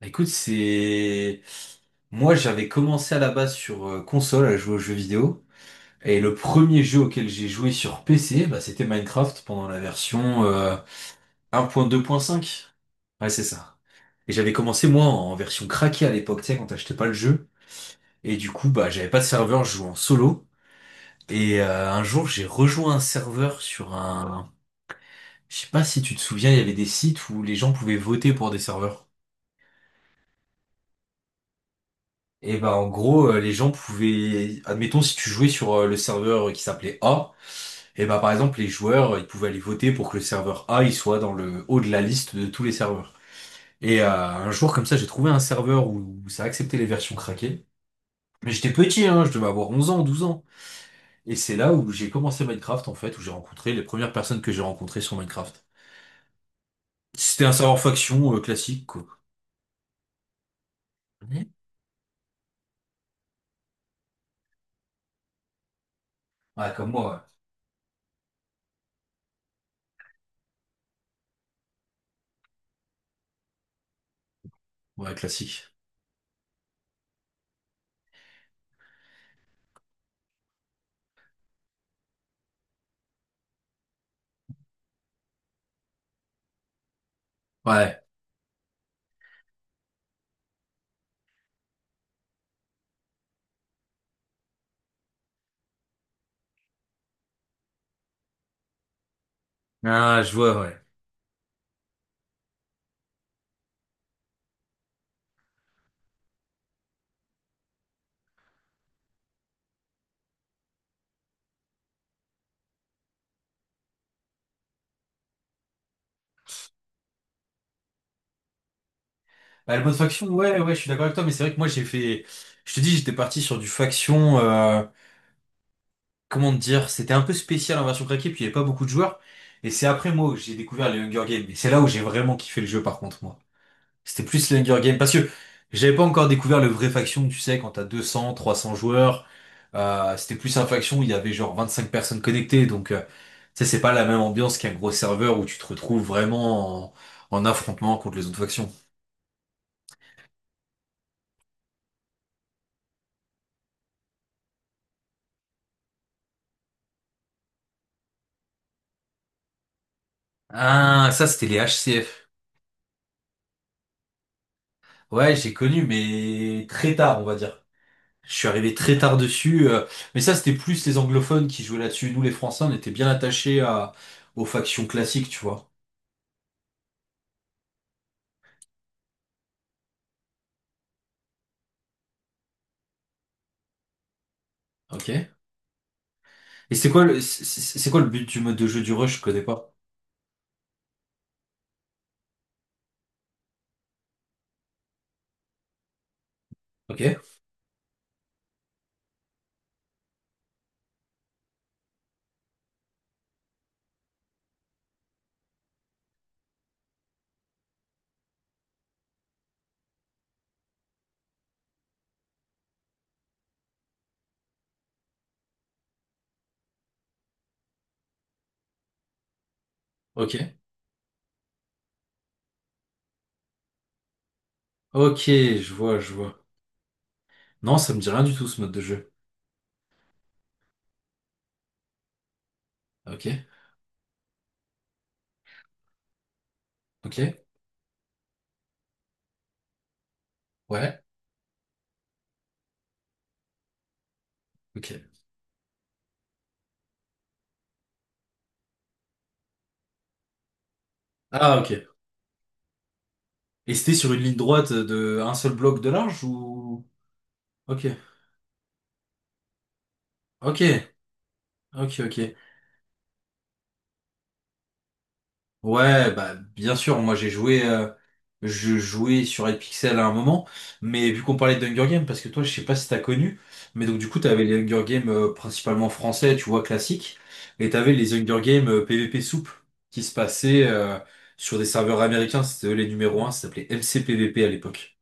Bah, écoute, c'est... Moi, j'avais commencé à la base sur console à jouer aux jeux vidéo. Et le premier jeu auquel j'ai joué sur PC, bah, c'était Minecraft pendant la version 1.2.5. Ouais, c'est ça. Et j'avais commencé, moi, en version craquée à l'époque, tu sais, quand t'achetais pas le jeu. Et du coup, bah, j'avais pas de serveur, je jouais en solo. Et un jour, j'ai rejoint un serveur sur un... Je sais pas si tu te souviens, il y avait des sites où les gens pouvaient voter pour des serveurs. Et ben en gros, les gens pouvaient, admettons, si tu jouais sur le serveur qui s'appelait A, et ben par exemple les joueurs, ils pouvaient aller voter pour que le serveur A il soit dans le haut de la liste de tous les serveurs. Et un jour comme ça, j'ai trouvé un serveur où ça acceptait les versions craquées. Mais j'étais petit, hein, je devais avoir 11 ans, 12 ans. Et c'est là où j'ai commencé Minecraft en fait, où j'ai rencontré les premières personnes que j'ai rencontrées sur Minecraft. C'était un serveur faction classique quoi. Mhm. Ouais, comme moi. Ouais, ouais, classique. Ouais. Ah, je vois, ouais. Bah, le mode faction, ouais, ouais, je suis d'accord avec toi, mais c'est vrai que moi j'ai fait. Je te dis, j'étais parti sur du faction. Comment te dire? C'était un peu spécial en version craquée, puis il n'y avait pas beaucoup de joueurs. Et c'est après moi que j'ai découvert les Hunger Games. Et c'est là où j'ai vraiment kiffé le jeu, par contre, moi. C'était plus les Hunger Games. Parce que j'avais pas encore découvert le vrai faction, tu sais, quand t'as 200, 300 joueurs. C'était plus un faction où il y avait genre 25 personnes connectées. Donc, tu sais, c'est pas la même ambiance qu'un gros serveur où tu te retrouves vraiment en affrontement contre les autres factions. Ah, ça, c'était les HCF. Ouais, j'ai connu, mais très tard, on va dire. Je suis arrivé très tard dessus. Mais ça, c'était plus les anglophones qui jouaient là-dessus. Nous, les Français, on était bien attachés aux factions classiques, tu vois. Ok. Et c'est quoi le, c'est c'est quoi le but du mode de jeu du rush? Je connais pas. Ok. Ok. Ok, je vois, je vois. Non, ça me dit rien du tout, ce mode de jeu. Ok. Ok. Ouais. Ok. Ah, ok. Et c'était sur une ligne droite de un seul bloc de large ou... Ok. Ok. Ok, ok. Ouais, bah bien sûr, moi j'ai joué je jouais sur Red Pixel à un moment, mais vu qu'on parlait d'Hunger Games, parce que toi je sais pas si t'as connu, mais donc du coup t'avais les Hunger Games principalement français, tu vois, classiques, et t'avais les Hunger Games PVP soupe qui se passaient sur des serveurs américains, c'était eux les numéros un. Ça s'appelait MCPVP à l'époque.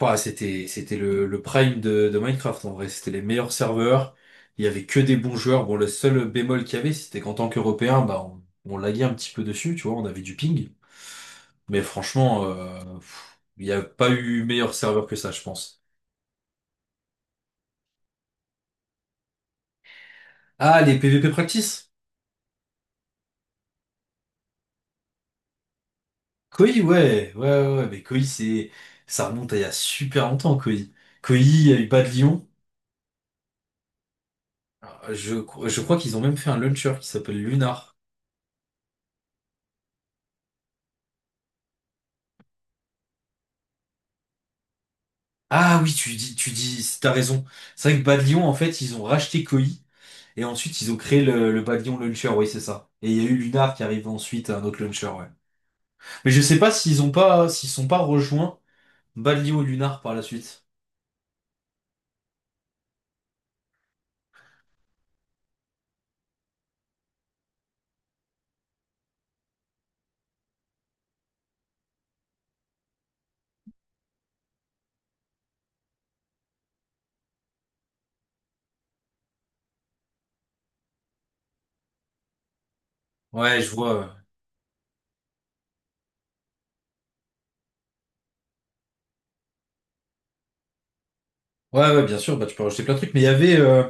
Ouah, c'était le prime de Minecraft en vrai. C'était les meilleurs serveurs. Il y avait que des bons joueurs. Bon, le seul bémol qu'il y avait, c'était qu'en tant qu'Européen, bah, on laguait un petit peu dessus, tu vois, on avait du ping. Mais franchement, il n'y a pas eu meilleur serveur que ça, je pense. Ah, les PvP Practice? Koi, ouais, ouais, ouais, ouais, mais Koi, c'est, ça remonte à il y a super longtemps, Koi. Koi, il y a eu Bas de Lyon. Ah, je crois qu'ils ont même fait un launcher qui s'appelle Lunar. Ah oui, tu dis, t'as raison. C'est vrai que Bad Lion en fait, ils ont racheté Koei et ensuite ils ont créé le Bad Lion Launcher, oui, c'est ça. Et il y a eu Lunar qui arrive ensuite, un autre launcher, ouais. Mais je sais pas s'ils ont pas, s'ils sont pas rejoints Bad Lion ou Lunar par la suite. Ouais, je vois. Ouais, ouais, bien sûr, bah tu peux rajouter plein de trucs, mais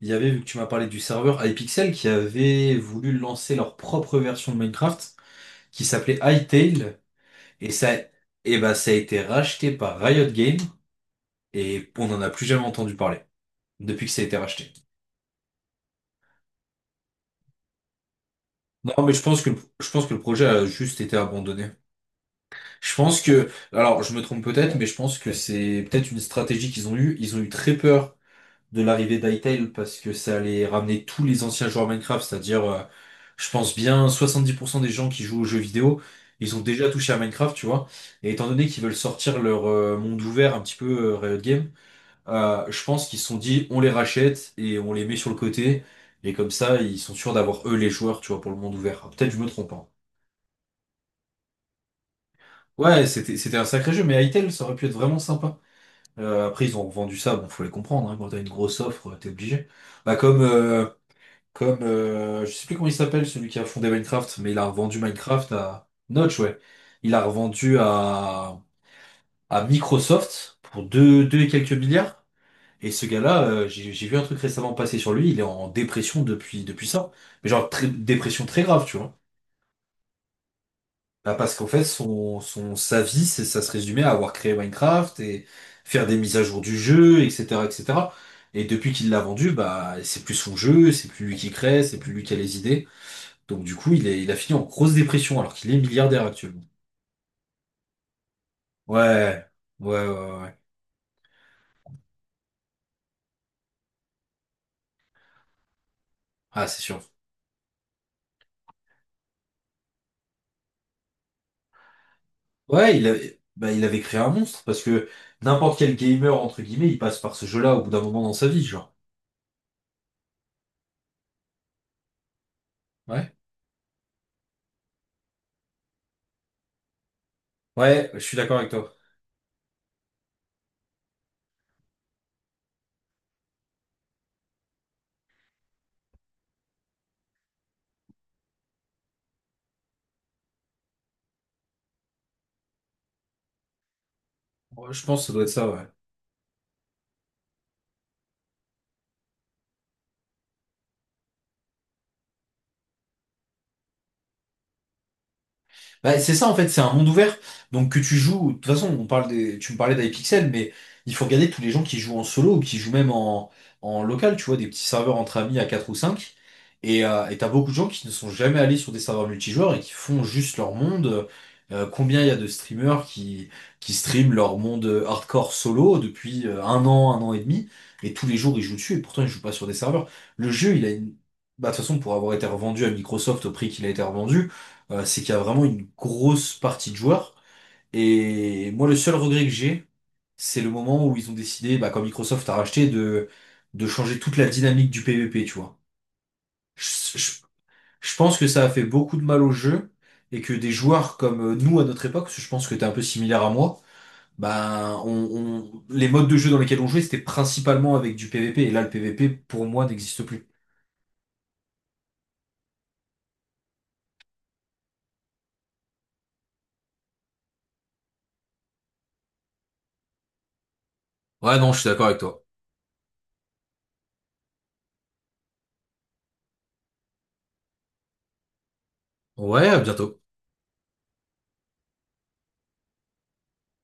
il y avait, vu que tu m'as parlé du serveur iPixel qui avait voulu lancer leur propre version de Minecraft qui s'appelait Hytale et ça, et bah ça a été racheté par Riot Games et on n'en a plus jamais entendu parler depuis que ça a été racheté. Non, mais je pense que le projet a juste été abandonné. Je pense que, alors je me trompe peut-être, mais je pense que c'est peut-être une stratégie qu'ils ont eue. Ils ont eu très peur de l'arrivée d'Hytale parce que ça allait ramener tous les anciens joueurs Minecraft, c'est-à-dire, je pense bien 70% des gens qui jouent aux jeux vidéo, ils ont déjà touché à Minecraft, tu vois. Et étant donné qu'ils veulent sortir leur monde ouvert un petit peu Riot Games, je pense qu'ils se sont dit, on les rachète et on les met sur le côté. Et comme ça, ils sont sûrs d'avoir eux les joueurs, tu vois, pour le monde ouvert. Ah, peut-être je me trompe, hein. Ouais, c'était un sacré jeu, mais Hytale, ça aurait pu être vraiment sympa. Après, ils ont vendu ça, bon, faut les comprendre, hein, quand t'as une grosse offre, t'es obligé. Bah comme je sais plus comment il s'appelle, celui qui a fondé Minecraft, mais il a revendu Minecraft à Notch, ouais. Il a revendu à Microsoft pour deux, deux et quelques milliards. Et ce gars-là, j'ai vu un truc récemment passer sur lui, il est en dépression depuis, depuis ça. Mais genre, dépression très grave, tu vois. Bah, parce qu'en fait, sa vie, ça se résumait à avoir créé Minecraft et faire des mises à jour du jeu, etc., etc. Et cetera. Et depuis qu'il l'a vendu, bah, c'est plus son jeu, c'est plus lui qui crée, c'est plus lui qui a les idées. Donc, du coup, il a fini en grosse dépression alors qu'il est milliardaire actuellement. Ouais, ouais, ouais, ouais, ouais. Ah, c'est sûr. Ouais, il avait, bah, il avait créé un monstre parce que n'importe quel gamer, entre guillemets, il passe par ce jeu-là au bout d'un moment dans sa vie, genre. Ouais, ouais, je suis d'accord avec toi. Je pense que ça doit être ça, ouais. Bah, c'est ça en fait, c'est un monde ouvert. Donc que tu joues, de toute façon, on parle des, tu me parlais d'iPixel, mais il faut regarder tous les gens qui jouent en solo ou qui jouent même en local, tu vois, des petits serveurs entre amis à 4 ou 5. Et t'as beaucoup de gens qui ne sont jamais allés sur des serveurs multijoueurs et qui font juste leur monde. Combien il y a de streamers qui streament leur monde hardcore solo depuis un an et demi, et tous les jours ils jouent dessus, et pourtant ils jouent pas sur des serveurs. Le jeu, il a une... Bah, de toute façon, pour avoir été revendu à Microsoft au prix qu'il a été revendu, c'est qu'il y a vraiment une grosse partie de joueurs. Et moi, le seul regret que j'ai, c'est le moment où ils ont décidé, bah, quand Microsoft a racheté, de changer toute la dynamique du PvP, tu vois. Je, je- je pense que ça a fait beaucoup de mal au jeu et que des joueurs comme nous à notre époque, parce que je pense que t'es un peu similaire à moi, bah, les modes de jeu dans lesquels on jouait, c'était principalement avec du PvP. Et là, le PvP, pour moi, n'existe plus. Ouais, non, je suis d'accord avec toi. Ouais, à bientôt.